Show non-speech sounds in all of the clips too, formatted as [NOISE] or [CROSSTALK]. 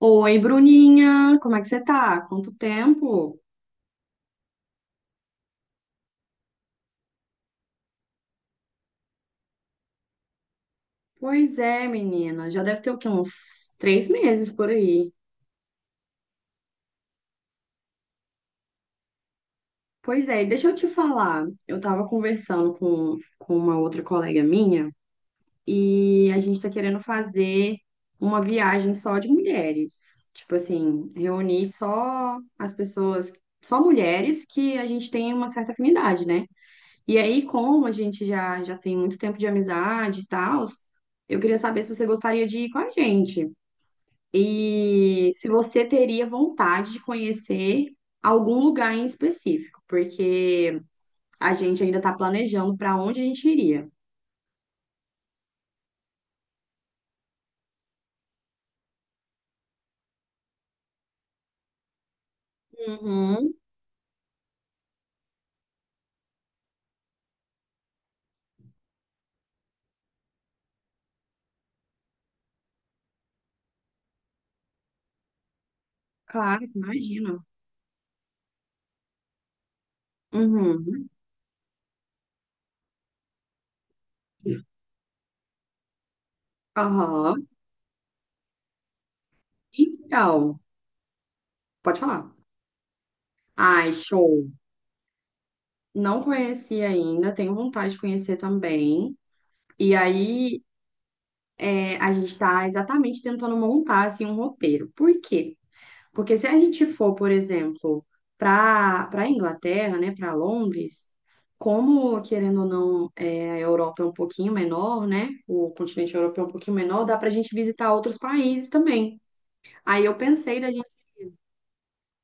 Oi, Bruninha, como é que você tá? Quanto tempo? Pois é, menina, já deve ter o quê? Uns 3 meses por aí. Pois é, e deixa eu te falar. Eu tava conversando com uma outra colega minha e a gente tá querendo fazer uma viagem só de mulheres. Tipo assim, reunir só as pessoas, só mulheres que a gente tem uma certa afinidade, né? E aí, como a gente já tem muito tempo de amizade e tal, eu queria saber se você gostaria de ir com a gente. E se você teria vontade de conhecer algum lugar em específico, porque a gente ainda está planejando para onde a gente iria. Uhum. Claro, imagino. Uhum. Aham. Então, pode falar. Ai, show. Não conheci ainda, tenho vontade de conhecer também. E aí, a gente está exatamente tentando montar assim um roteiro. Por quê? Porque se a gente for, por exemplo, para Inglaterra, né, para Londres, como querendo ou não, a Europa é um pouquinho menor, né? O continente europeu é um pouquinho menor, dá para a gente visitar outros países também. Aí eu pensei da gente,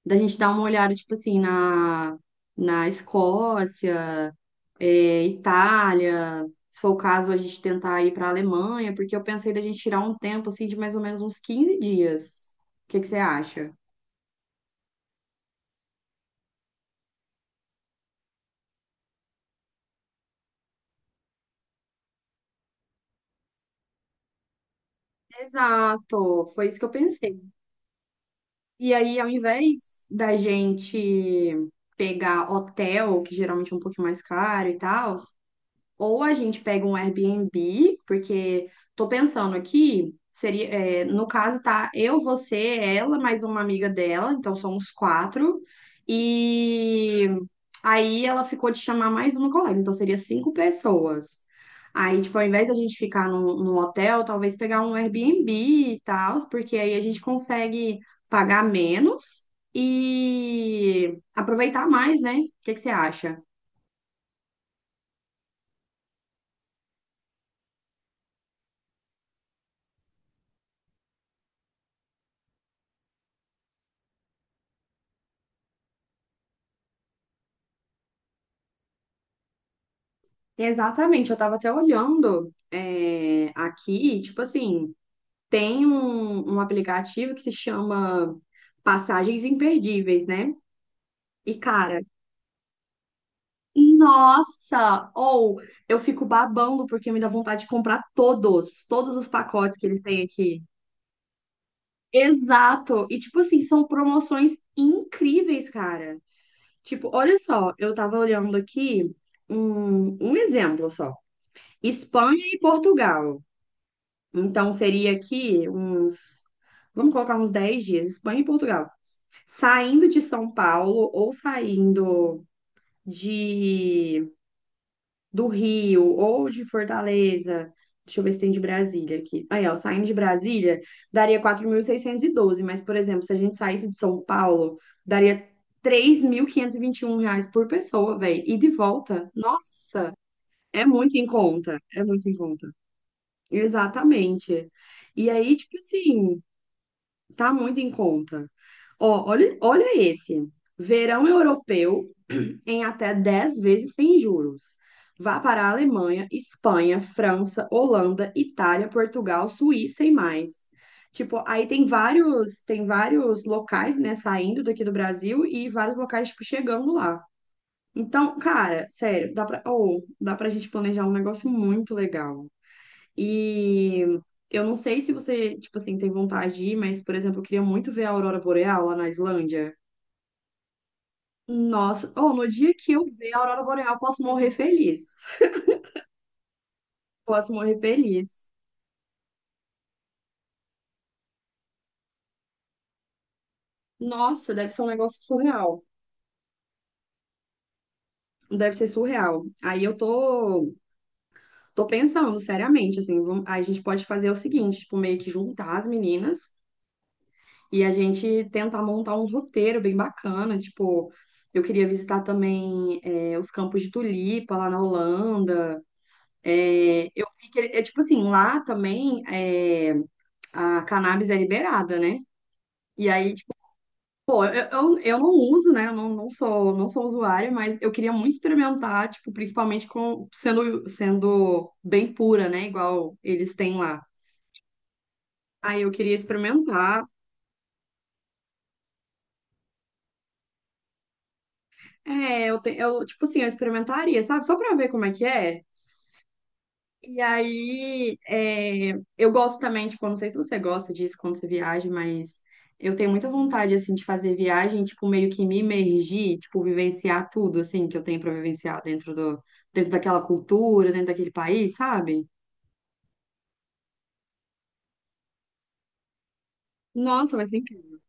da gente dar uma olhada, tipo assim, na Escócia, Itália, se for o caso, a gente tentar ir para a Alemanha, porque eu pensei da gente tirar um tempo assim de mais ou menos uns 15 dias. O que que você acha? Exato, foi isso que eu pensei. E aí, ao invés da gente pegar hotel, que geralmente é um pouquinho mais caro e tal, ou a gente pega um Airbnb, porque tô pensando aqui, seria, no caso, tá eu, você, ela, mais uma amiga dela, então somos quatro. E aí ela ficou de chamar mais uma colega, então seria 5 pessoas. Aí, tipo, ao invés da gente ficar num hotel, talvez pegar um Airbnb e tal, porque aí a gente consegue pagar menos e aproveitar mais, né? O que que você acha? Exatamente, eu tava até olhando aqui, tipo assim, tem um aplicativo que se chama Passagens Imperdíveis, né? E, cara, nossa! Ou eu fico babando porque me dá vontade de comprar todos, todos os pacotes que eles têm aqui. Exato! E, tipo assim, são promoções incríveis, cara. Tipo, olha só, eu tava olhando aqui um exemplo só: Espanha e Portugal. Então seria aqui uns, vamos colocar uns 10 dias, Espanha e Portugal. Saindo de São Paulo ou saindo de do Rio ou de Fortaleza. Deixa eu ver se tem de Brasília aqui. Aí, ó, saindo de Brasília, daria 4.612, mas, por exemplo, se a gente saísse de São Paulo, daria três mil quinhentos e vinte e um reais por pessoa, velho. E de volta, nossa, é muito em conta, é muito em conta. Exatamente. E aí, tipo assim, tá muito em conta. Ó, olha, olha esse. Verão europeu em até 10 vezes sem juros. Vá para a Alemanha, Espanha, França, Holanda, Itália, Portugal, Suíça e mais. Tipo, aí tem vários locais, né, saindo daqui do Brasil e vários locais, tipo, chegando lá. Então, cara, sério, dá pra, ou dá pra gente planejar um negócio muito legal. E eu não sei se você, tipo assim, tem vontade de ir, mas, por exemplo, eu queria muito ver a aurora boreal lá na Islândia. Nossa, oh, no dia que eu ver a aurora boreal, eu posso morrer feliz. [LAUGHS] Posso morrer feliz. Nossa, deve ser um negócio surreal. Deve ser surreal. Aí eu tô, tô pensando seriamente, assim, vamos- aí a gente pode fazer o seguinte, tipo, meio que juntar as meninas e a gente tentar montar um roteiro bem bacana, tipo, eu queria visitar também os campos de tulipa lá na Holanda. É, eu vi que, é tipo assim, lá também a cannabis é liberada, né? E aí, tipo, eu não uso, né? Eu não sou usuária, mas eu queria muito experimentar, tipo, principalmente com, sendo bem pura, né? Igual eles têm lá. Aí eu queria experimentar. É, eu, tipo assim, eu experimentaria, sabe? Só pra ver como é que é. E aí, é, eu gosto também, tipo, eu não sei se você gosta disso quando você viaja, mas eu tenho muita vontade, assim, de fazer viagem, tipo, meio que me imergir, tipo, vivenciar tudo, assim, que eu tenho pra vivenciar dentro daquela cultura, dentro daquele país, sabe? Nossa, vai ser incrível.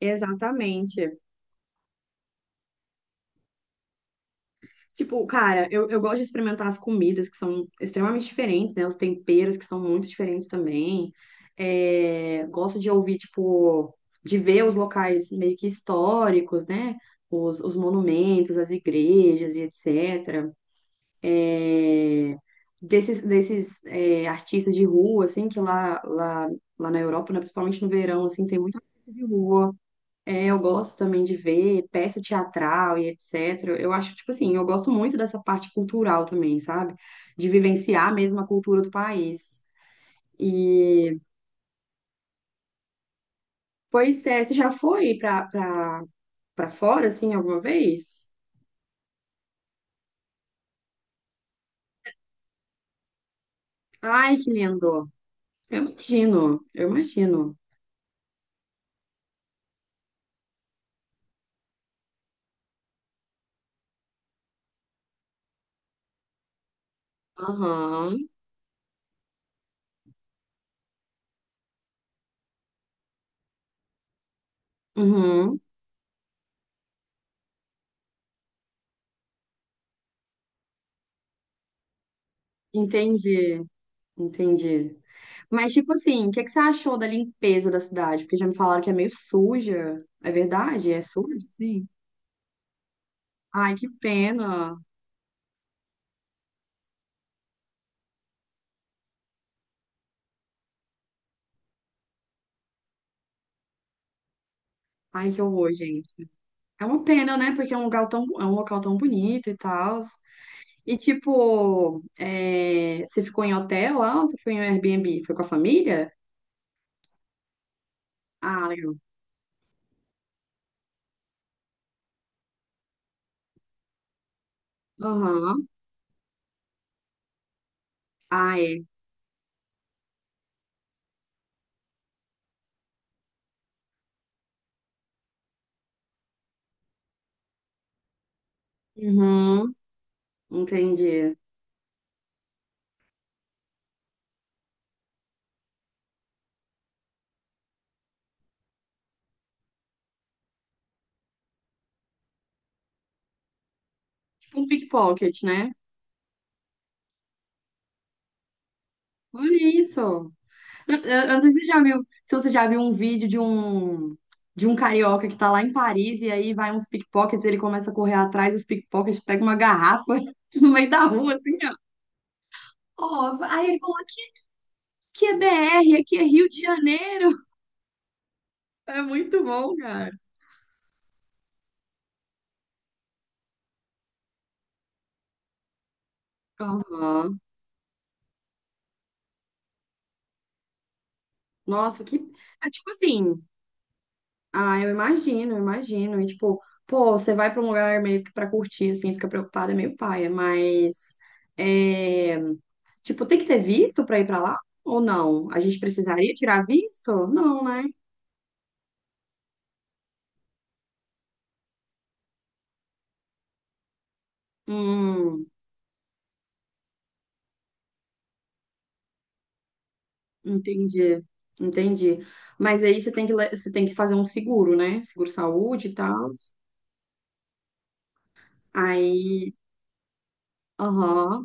Exatamente. Tipo, cara, eu gosto de experimentar as comidas que são extremamente diferentes, né? Os temperos que são muito diferentes também. É, gosto de ouvir, tipo, de ver os locais meio que históricos, né? Os monumentos, as igrejas e etc. Desses é, artistas de rua, assim, que lá na Europa, né? Principalmente no verão, assim, tem muito artista de rua. É, eu gosto também de ver peça teatral e etc. Eu acho, tipo assim, eu gosto muito dessa parte cultural também, sabe? De vivenciar mesmo a cultura do país. E, pois é, você já foi pra fora, assim, alguma vez? Ai, que lindo! Eu imagino, eu imagino. Aham, uhum, entendi, entendi. Mas, tipo assim, o que que você achou da limpeza da cidade? Porque já me falaram que é meio suja. É verdade? É suja, sim? Ai, que pena. Ai, que horror, gente. É uma pena, né? Porque é um lugar tão, é um local tão bonito e tal. E, tipo, é, você ficou em hotel lá ou você foi em Airbnb? Foi com a família? Ah, legal. Aham. Ah, é. Uhum. Entendi. Tipo um pickpocket, né? Olha isso. Eu não sei se você já viu, se você já viu um vídeo de um, carioca que tá lá em Paris e aí vai uns pickpockets, ele começa a correr atrás dos pickpockets, pega uma garrafa [LAUGHS] no meio da rua, assim, ó, aí ele falou, aqui é BR, aqui é Rio de Janeiro. É muito bom, cara. Aham. Nossa, que. É tipo assim, ah, eu imagino, eu imagino. E tipo, pô, você vai pra um lugar meio que pra curtir, assim, fica preocupada, é meio paia, mas. É... Tipo, tem que ter visto pra ir pra lá? Ou não? A gente precisaria tirar visto? Não, né? Hum, entendi, entendi. Mas aí você tem que, você tem que fazer um seguro, né? Seguro saúde e tal. Aí aham,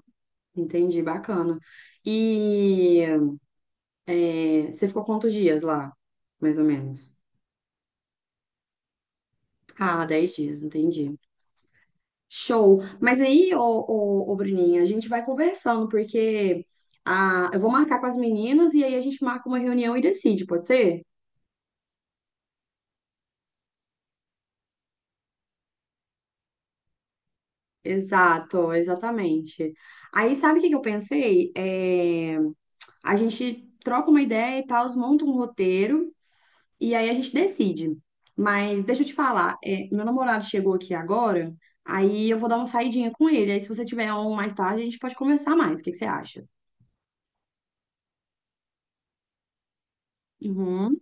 entendi, bacana. E é, você ficou quantos dias lá, mais ou menos? Ah, 10 dias, entendi. Show. Mas aí, ô, ô, ô, Bruninha, a gente vai conversando, porque ah, eu vou marcar com as meninas e aí a gente marca uma reunião e decide, pode ser? Exato, exatamente. Aí, sabe o que que eu pensei? É, a gente troca uma ideia e tal, monta um roteiro. E aí a gente decide. Mas deixa eu te falar, é, meu namorado chegou aqui agora, aí eu vou dar uma saidinha com ele. Aí se você tiver um mais tarde, a gente pode conversar mais. O que que você acha? Uhum.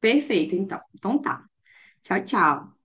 Perfeito, então. Então tá. Tchau, tchau.